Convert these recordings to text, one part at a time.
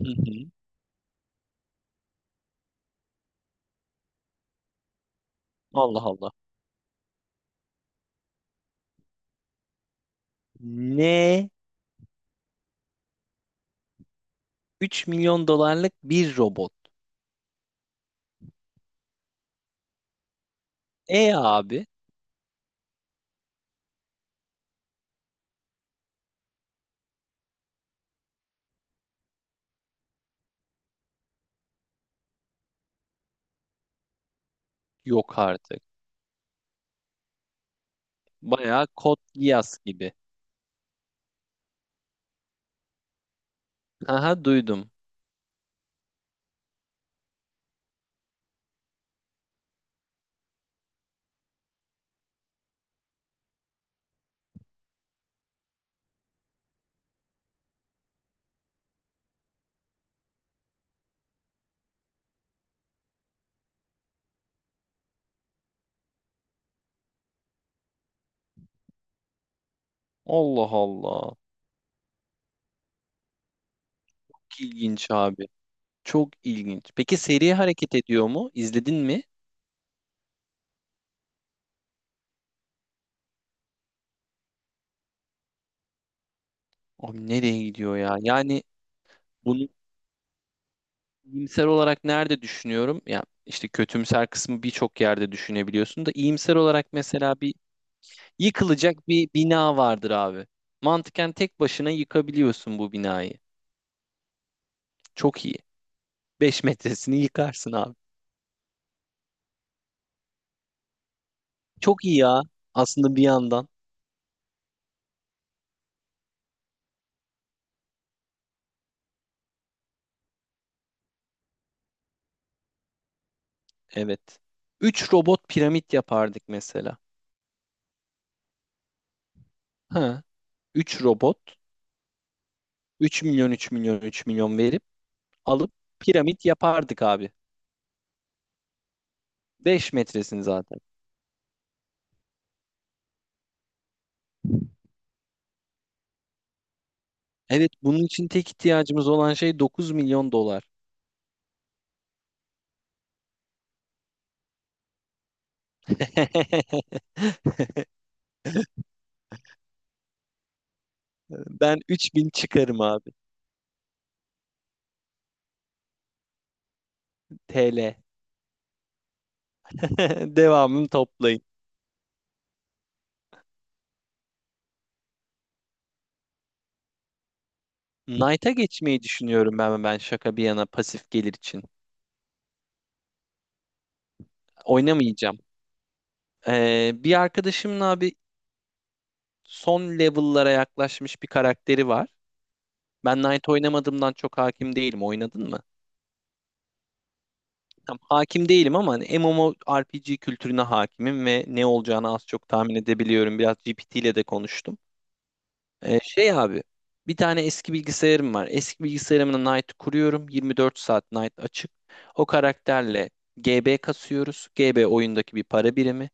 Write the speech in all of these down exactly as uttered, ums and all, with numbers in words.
Hı hı. Allah Allah. Ne? Üç milyon dolarlık bir robot. E abi? Yok artık. Bayağı kod Geass gibi. Aha duydum. Allah Allah. Çok İlginç abi. Çok ilginç. Peki seri hareket ediyor mu? İzledin mi? Abi nereye gidiyor ya? Yani bunu iyimser olarak nerede düşünüyorum? Ya işte kötümser kısmı birçok yerde düşünebiliyorsun da iyimser olarak mesela bir yıkılacak bir bina vardır abi. Mantıken tek başına yıkabiliyorsun bu binayı. Çok iyi. Beş metresini yıkarsın abi. Çok iyi ya aslında bir yandan. Evet. Üç robot piramit yapardık mesela. Ha, üç robot üç milyon üç milyon üç milyon verip alıp piramit yapardık abi. Beş metresini zaten. Evet, bunun için tek ihtiyacımız olan şey dokuz milyon dolar. Ben üç bin çıkarım abi. T L. Devamını toplayın. Knight'a geçmeyi düşünüyorum ben ben şaka bir yana pasif gelir için. Oynamayacağım. Ee, bir arkadaşımın abi son level'lara yaklaşmış bir karakteri var. Ben Knight oynamadığımdan çok hakim değilim. Oynadın mı? Tam hakim değilim ama hani MMORPG kültürüne hakimim ve ne olacağını az çok tahmin edebiliyorum. Biraz G P T ile de konuştum. Ee, şey abi bir tane eski bilgisayarım var. Eski bilgisayarımın Night kuruyorum. yirmi dört saat Night açık. O karakterle G B kasıyoruz. G B oyundaki bir para birimi.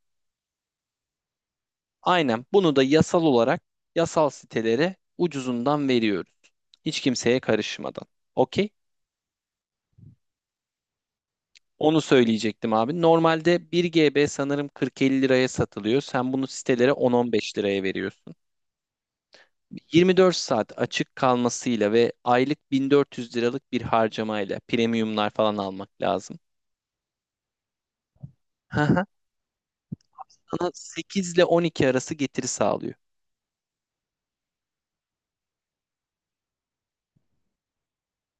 Aynen bunu da yasal olarak yasal sitelere ucuzundan veriyoruz. Hiç kimseye karışmadan. Okey. Onu söyleyecektim abi. Normalde bir G B sanırım kırk elli liraya satılıyor. Sen bunu sitelere on on beş liraya veriyorsun. yirmi dört saat açık kalmasıyla ve aylık bin dört yüz liralık bir harcamayla premiumlar falan almak lazım. Hı hı. Sana sekiz ile on iki arası getiri sağlıyor.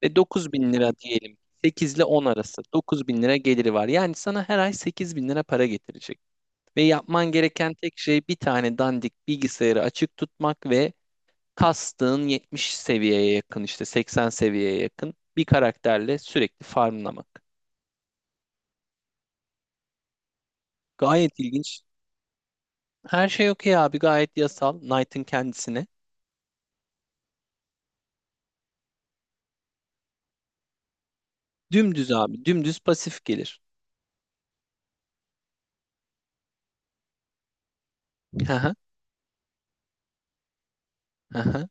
Ve dokuz bin lira diyelim. sekiz ile on arası dokuz bin lira geliri var. Yani sana her ay sekiz bin lira para getirecek. Ve yapman gereken tek şey bir tane dandik bilgisayarı açık tutmak ve kastığın yetmiş seviyeye yakın işte seksen seviyeye yakın bir karakterle sürekli farmlamak. Gayet ilginç. Her şey okey abi, gayet yasal Knight'ın kendisine. Dümdüz abi, dümdüz pasif gelir. Hı hı, hı hı.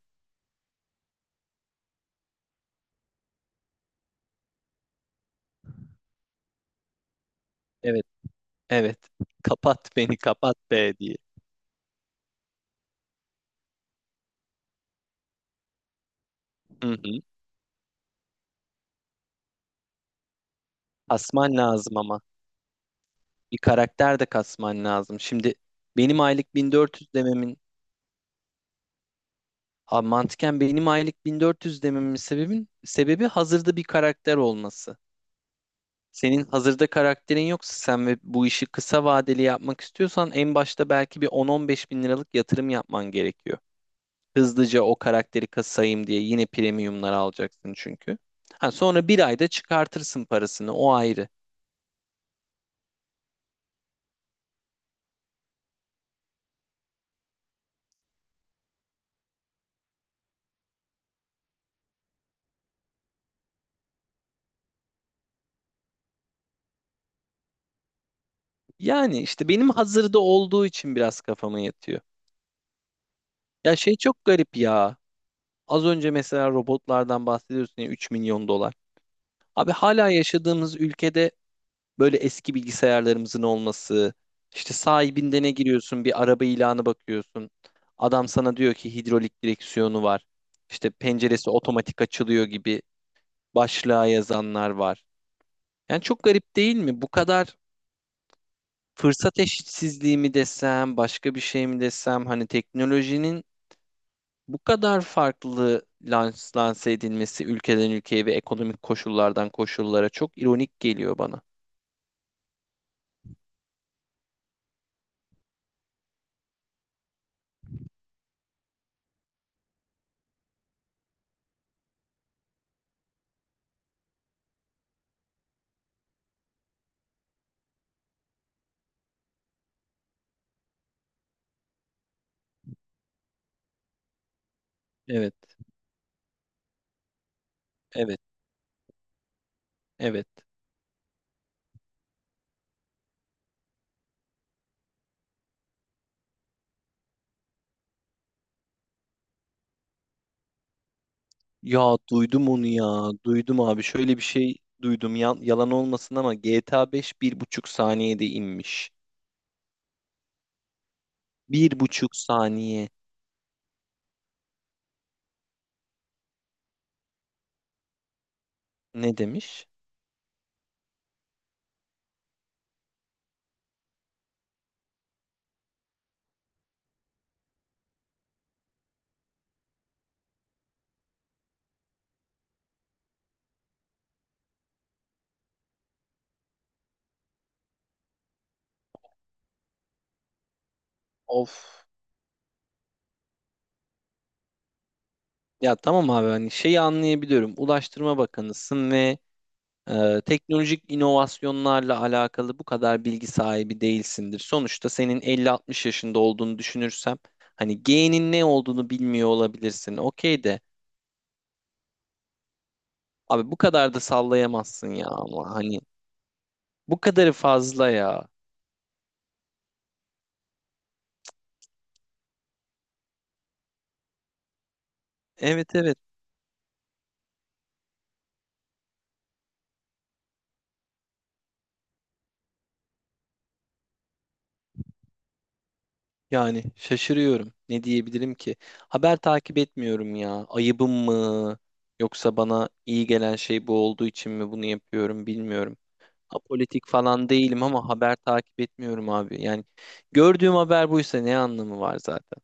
Evet, evet, kapat beni kapat be diye. Hı hı. Kasman lazım ama bir karakter de kasman lazım. Şimdi benim aylık bin dört yüz dememin, abi mantıken benim aylık bin dört yüz dememin sebebin sebebi hazırda bir karakter olması. Senin hazırda karakterin yoksa sen ve bu işi kısa vadeli yapmak istiyorsan en başta belki bir on on beş bin liralık yatırım yapman gerekiyor. Hızlıca o karakteri kasayım diye yine premiumlar alacaksın çünkü. Ha, sonra bir ayda çıkartırsın parasını, o ayrı. Yani işte benim hazırda olduğu için biraz kafama yatıyor. Ya şey çok garip ya. Az önce mesela robotlardan bahsediyorsun ya, üç milyon dolar. Abi hala yaşadığımız ülkede böyle eski bilgisayarlarımızın olması, işte sahibinde ne giriyorsun, bir araba ilanı bakıyorsun. Adam sana diyor ki hidrolik direksiyonu var. İşte penceresi otomatik açılıyor gibi başlığa yazanlar var. Yani çok garip değil mi? Bu kadar fırsat eşitsizliği mi desem, başka bir şey mi desem, hani teknolojinin bu kadar farklı lans- lanse edilmesi ülkeden ülkeye ve ekonomik koşullardan koşullara çok ironik geliyor bana. Evet, evet, evet. Ya duydum onu ya. Duydum abi. Şöyle bir şey duydum. Yan- yalan olmasın ama G T A beş bir buçuk saniyede inmiş. Bir buçuk saniye. Ne demiş? Of. Ya tamam abi, hani şeyi anlayabiliyorum. Ulaştırma Bakanısın ve e, teknolojik inovasyonlarla alakalı bu kadar bilgi sahibi değilsindir. Sonuçta senin elli altmış yaşında olduğunu düşünürsem hani G'nin ne olduğunu bilmiyor olabilirsin. Okey de abi bu kadar da sallayamazsın ya, ama hani bu kadarı fazla ya. Evet, evet. Yani şaşırıyorum. Ne diyebilirim ki? Haber takip etmiyorum ya. Ayıbım mı? Yoksa bana iyi gelen şey bu olduğu için mi bunu yapıyorum, bilmiyorum. Apolitik falan değilim ama haber takip etmiyorum abi. Yani gördüğüm haber buysa ne anlamı var zaten?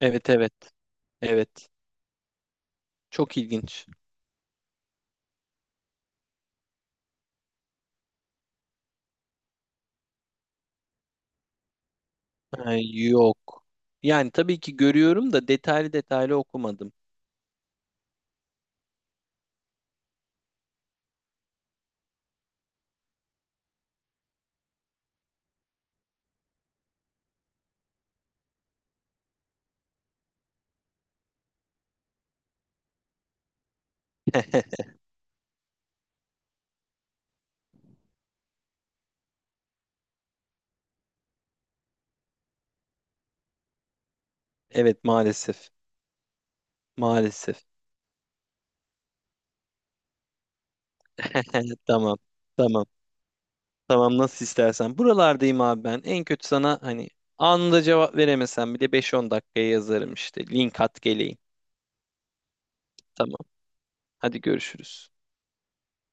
Evet, evet. Evet. Çok ilginç. Ha, yok. Yani tabii ki görüyorum da detaylı detaylı okumadım. Evet, maalesef. Maalesef. Tamam. Tamam. Tamam, nasıl istersen. Buralardayım abi ben. En kötü sana hani anında cevap veremesem bile beş on dakikaya yazarım işte. Link at geleyim. Tamam. Hadi görüşürüz.